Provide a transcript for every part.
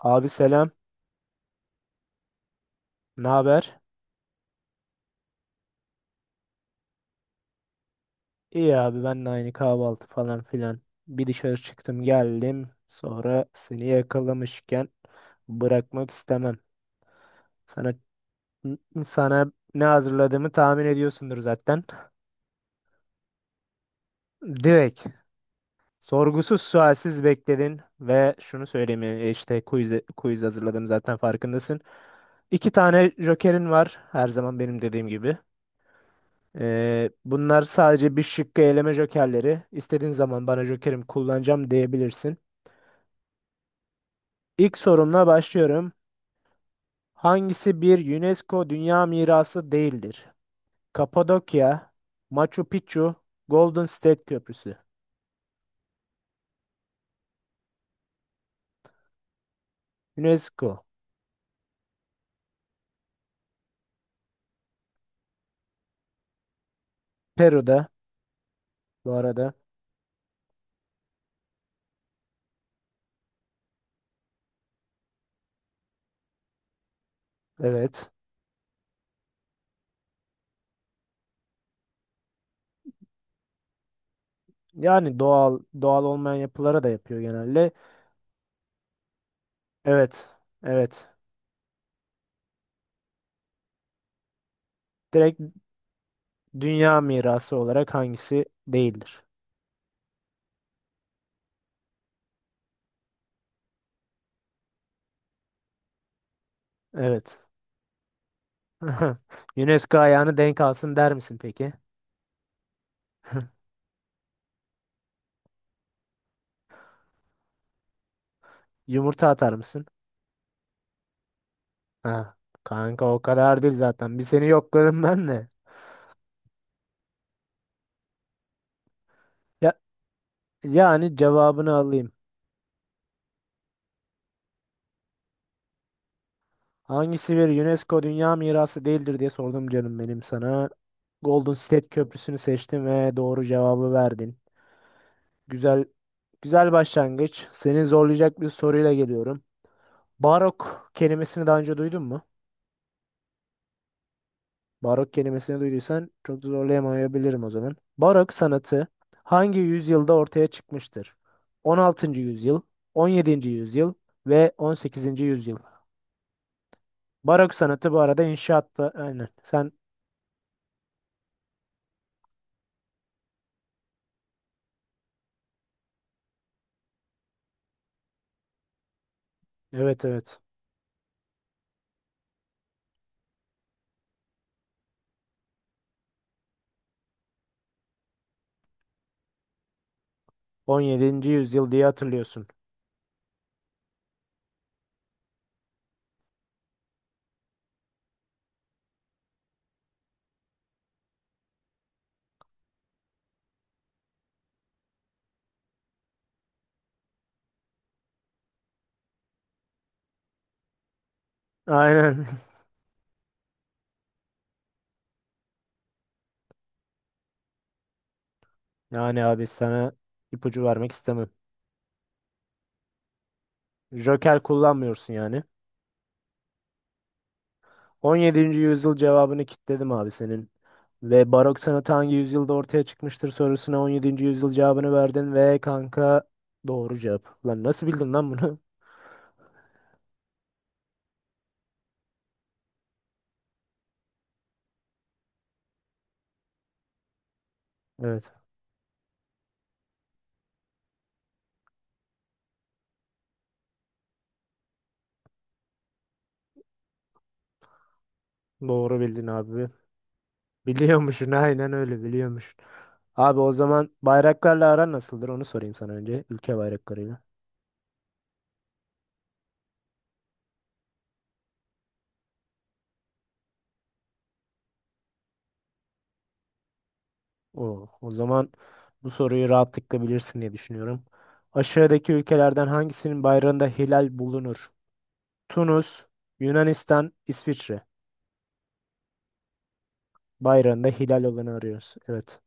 Abi selam. Ne haber? İyi abi ben de aynı kahvaltı falan filan. Bir dışarı çıktım geldim. Sonra seni yakalamışken bırakmak istemem. Sana sana ne hazırladığımı tahmin ediyorsundur zaten. Direkt sorgusuz sualsiz bekledin ve şunu söyleyeyim işte quiz hazırladım zaten farkındasın. İki tane jokerin var her zaman benim dediğim gibi. Bunlar sadece bir şıkkı eleme jokerleri. İstediğin zaman bana jokerim kullanacağım diyebilirsin. İlk sorumla başlıyorum. Hangisi bir UNESCO Dünya Mirası değildir? Kapadokya, Machu Picchu, Golden State Köprüsü. UNESCO. Peru'da bu arada. Evet. Yani doğal, doğal olmayan yapılara da yapıyor genelde. Evet. Evet. Direkt Dünya Mirası olarak hangisi değildir? Evet. UNESCO ayağını denk alsın der misin peki? Yumurta atar mısın? Ha, kanka o kadar değil zaten. Bir seni yokladım ben de. Ya, yani cevabını alayım. Hangisi bir UNESCO Dünya Mirası değildir diye sordum canım benim sana. Golden State Köprüsü'nü seçtim ve doğru cevabı verdin. Güzel, güzel başlangıç. Seni zorlayacak bir soruyla geliyorum. Barok kelimesini daha önce duydun mu? Barok kelimesini duyduysan çok da zorlayamayabilirim o zaman. Barok sanatı hangi yüzyılda ortaya çıkmıştır? 16. yüzyıl, 17. yüzyıl ve 18. yüzyıl. Barok sanatı bu arada inşaatta aynen. Sen evet, evet, 17. yüzyıl diye hatırlıyorsun. Aynen. Yani abi sana ipucu vermek istemem. Joker kullanmıyorsun yani. 17. yüzyıl cevabını kitledim abi senin. Ve barok sanatı hangi yüzyılda ortaya çıkmıştır sorusuna 17. yüzyıl cevabını verdin ve kanka doğru cevap. Lan nasıl bildin lan bunu? Evet, doğru bildin abi. Biliyormuşsun, aynen öyle, biliyormuşsun. Abi o zaman bayraklarla aran nasıldır onu sorayım sana önce. Ülke bayraklarıyla. O zaman bu soruyu rahatlıkla bilirsin diye düşünüyorum. Aşağıdaki ülkelerden hangisinin bayrağında hilal bulunur? Tunus, Yunanistan, İsviçre. Bayrağında hilal olanı arıyoruz. Evet.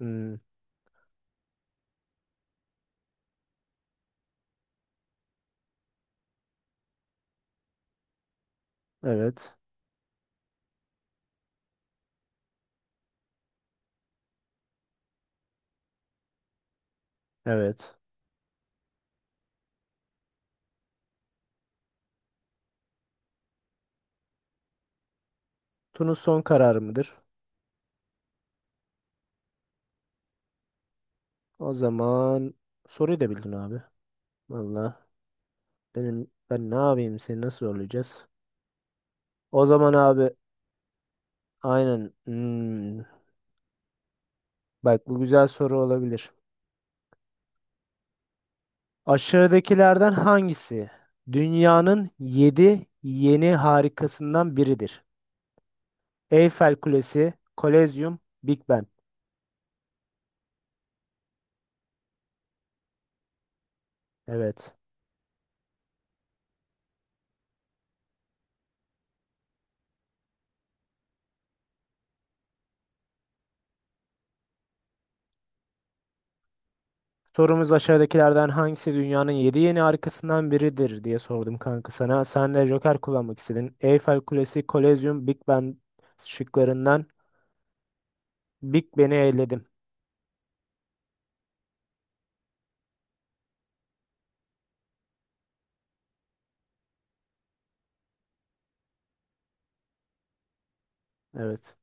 Hmm, evet. Evet. Tunus son kararı mıdır? O zaman soruyu da bildin abi. Valla ben ne yapayım, seni nasıl zorlayacağız? O zaman abi aynen. Bak, bu güzel soru olabilir. Aşağıdakilerden hangisi dünyanın 7 yeni harikasından biridir? Eyfel Kulesi, Kolezyum, Big Ben. Evet. Sorumuz aşağıdakilerden hangisi dünyanın yedi yeni harikasından biridir diye sordum kanka sana. Sen de Joker kullanmak istedin. Eyfel Kulesi, Kolezyum, Big Ben şıklarından Big Ben'i eledim. Evet.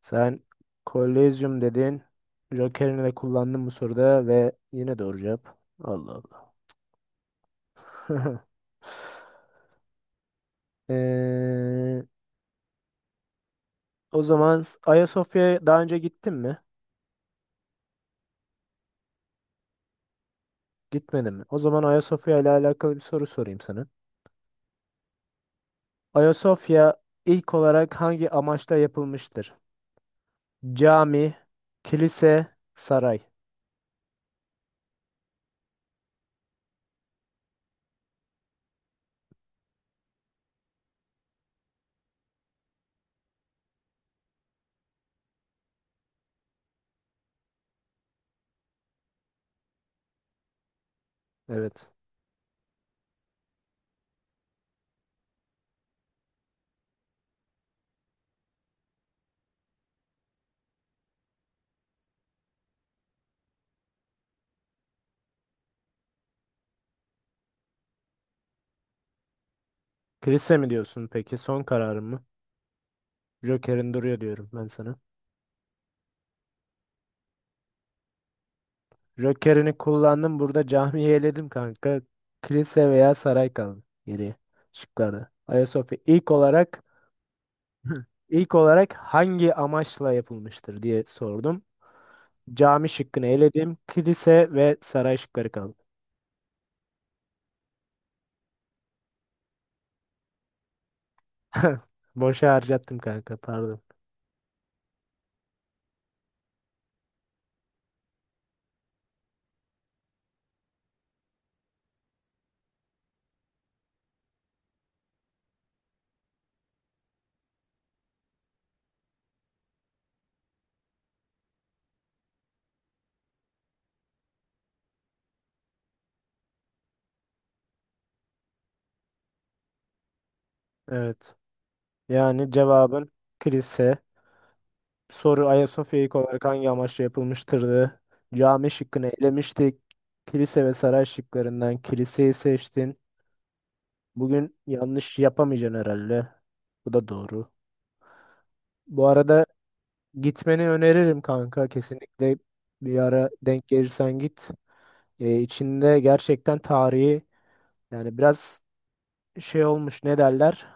Sen Kolezyum dedin. Joker'ini de kullandın bu soruda ve yine doğru cevap. Allah Allah. Ee, O zaman Ayasofya'ya daha önce gittin mi? Gitmedin mi? O zaman Ayasofya ile alakalı bir soru sorayım sana. Ayasofya ilk olarak hangi amaçla yapılmıştır? Cami, kilise, saray. Evet. Kilise mi diyorsun peki? Son kararın mı? Joker'in duruyor diyorum ben sana. Joker'ini kullandım. Burada camiyi eledim kanka. Kilise veya saray kaldı geriye şıklarda. Ayasofya ilk olarak ilk olarak hangi amaçla yapılmıştır diye sordum. Cami şıkkını eledim. Kilise ve saray şıkları kaldı. Boşa harcattım kanka, pardon. Evet. Yani cevabın kilise. Soru Ayasofya ilk olarak hangi amaçla yapılmıştırdı? Cami şıkkını elemiştik. Kilise ve saray şıklarından kiliseyi seçtin. Bugün yanlış yapamayacaksın herhalde. Bu da doğru. Bu arada gitmeni öneririm kanka. Kesinlikle bir ara denk gelirsen git. İçinde gerçekten tarihi, yani biraz şey olmuş, ne derler?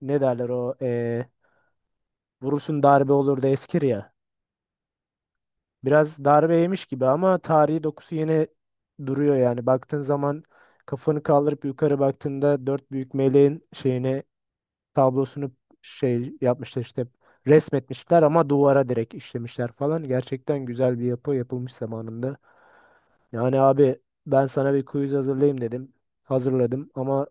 Ne derler o, vurursun darbe olur da eskir ya. Biraz darbe yemiş gibi ama tarihi dokusu yine duruyor yani. Baktığın zaman, kafanı kaldırıp yukarı baktığında, dört büyük meleğin şeyini, tablosunu şey yapmışlar işte, resmetmişler ama duvara direkt işlemişler falan. Gerçekten güzel bir yapı yapılmış zamanında. Yani abi ben sana bir quiz hazırlayayım dedim. Hazırladım ama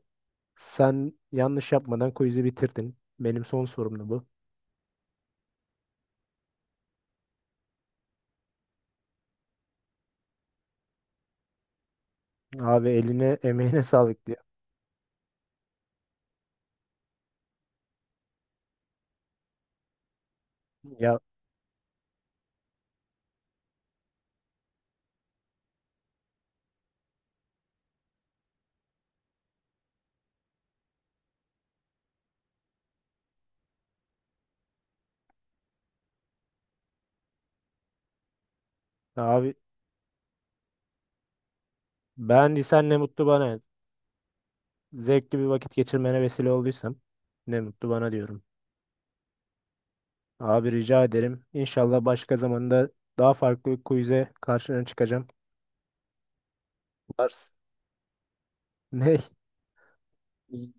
sen yanlış yapmadan quiz'i bitirdin. Benim son sorumdu bu. Abi eline emeğine sağlık diyor. Ya abi, beğendiysen ne mutlu bana, yani. Zevkli bir vakit geçirmene vesile olduysam ne mutlu bana diyorum. Abi rica ederim. İnşallah başka zamanda daha farklı bir quiz'e karşına çıkacağım. Vars. Ne?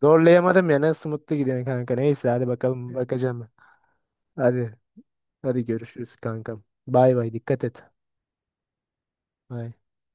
Zorlayamadım ya. Nasıl mutlu gidiyorsun kanka? Neyse hadi bakalım, bakacağım ben. Hadi. Hadi görüşürüz kankam. Bay bay, dikkat et. Bay.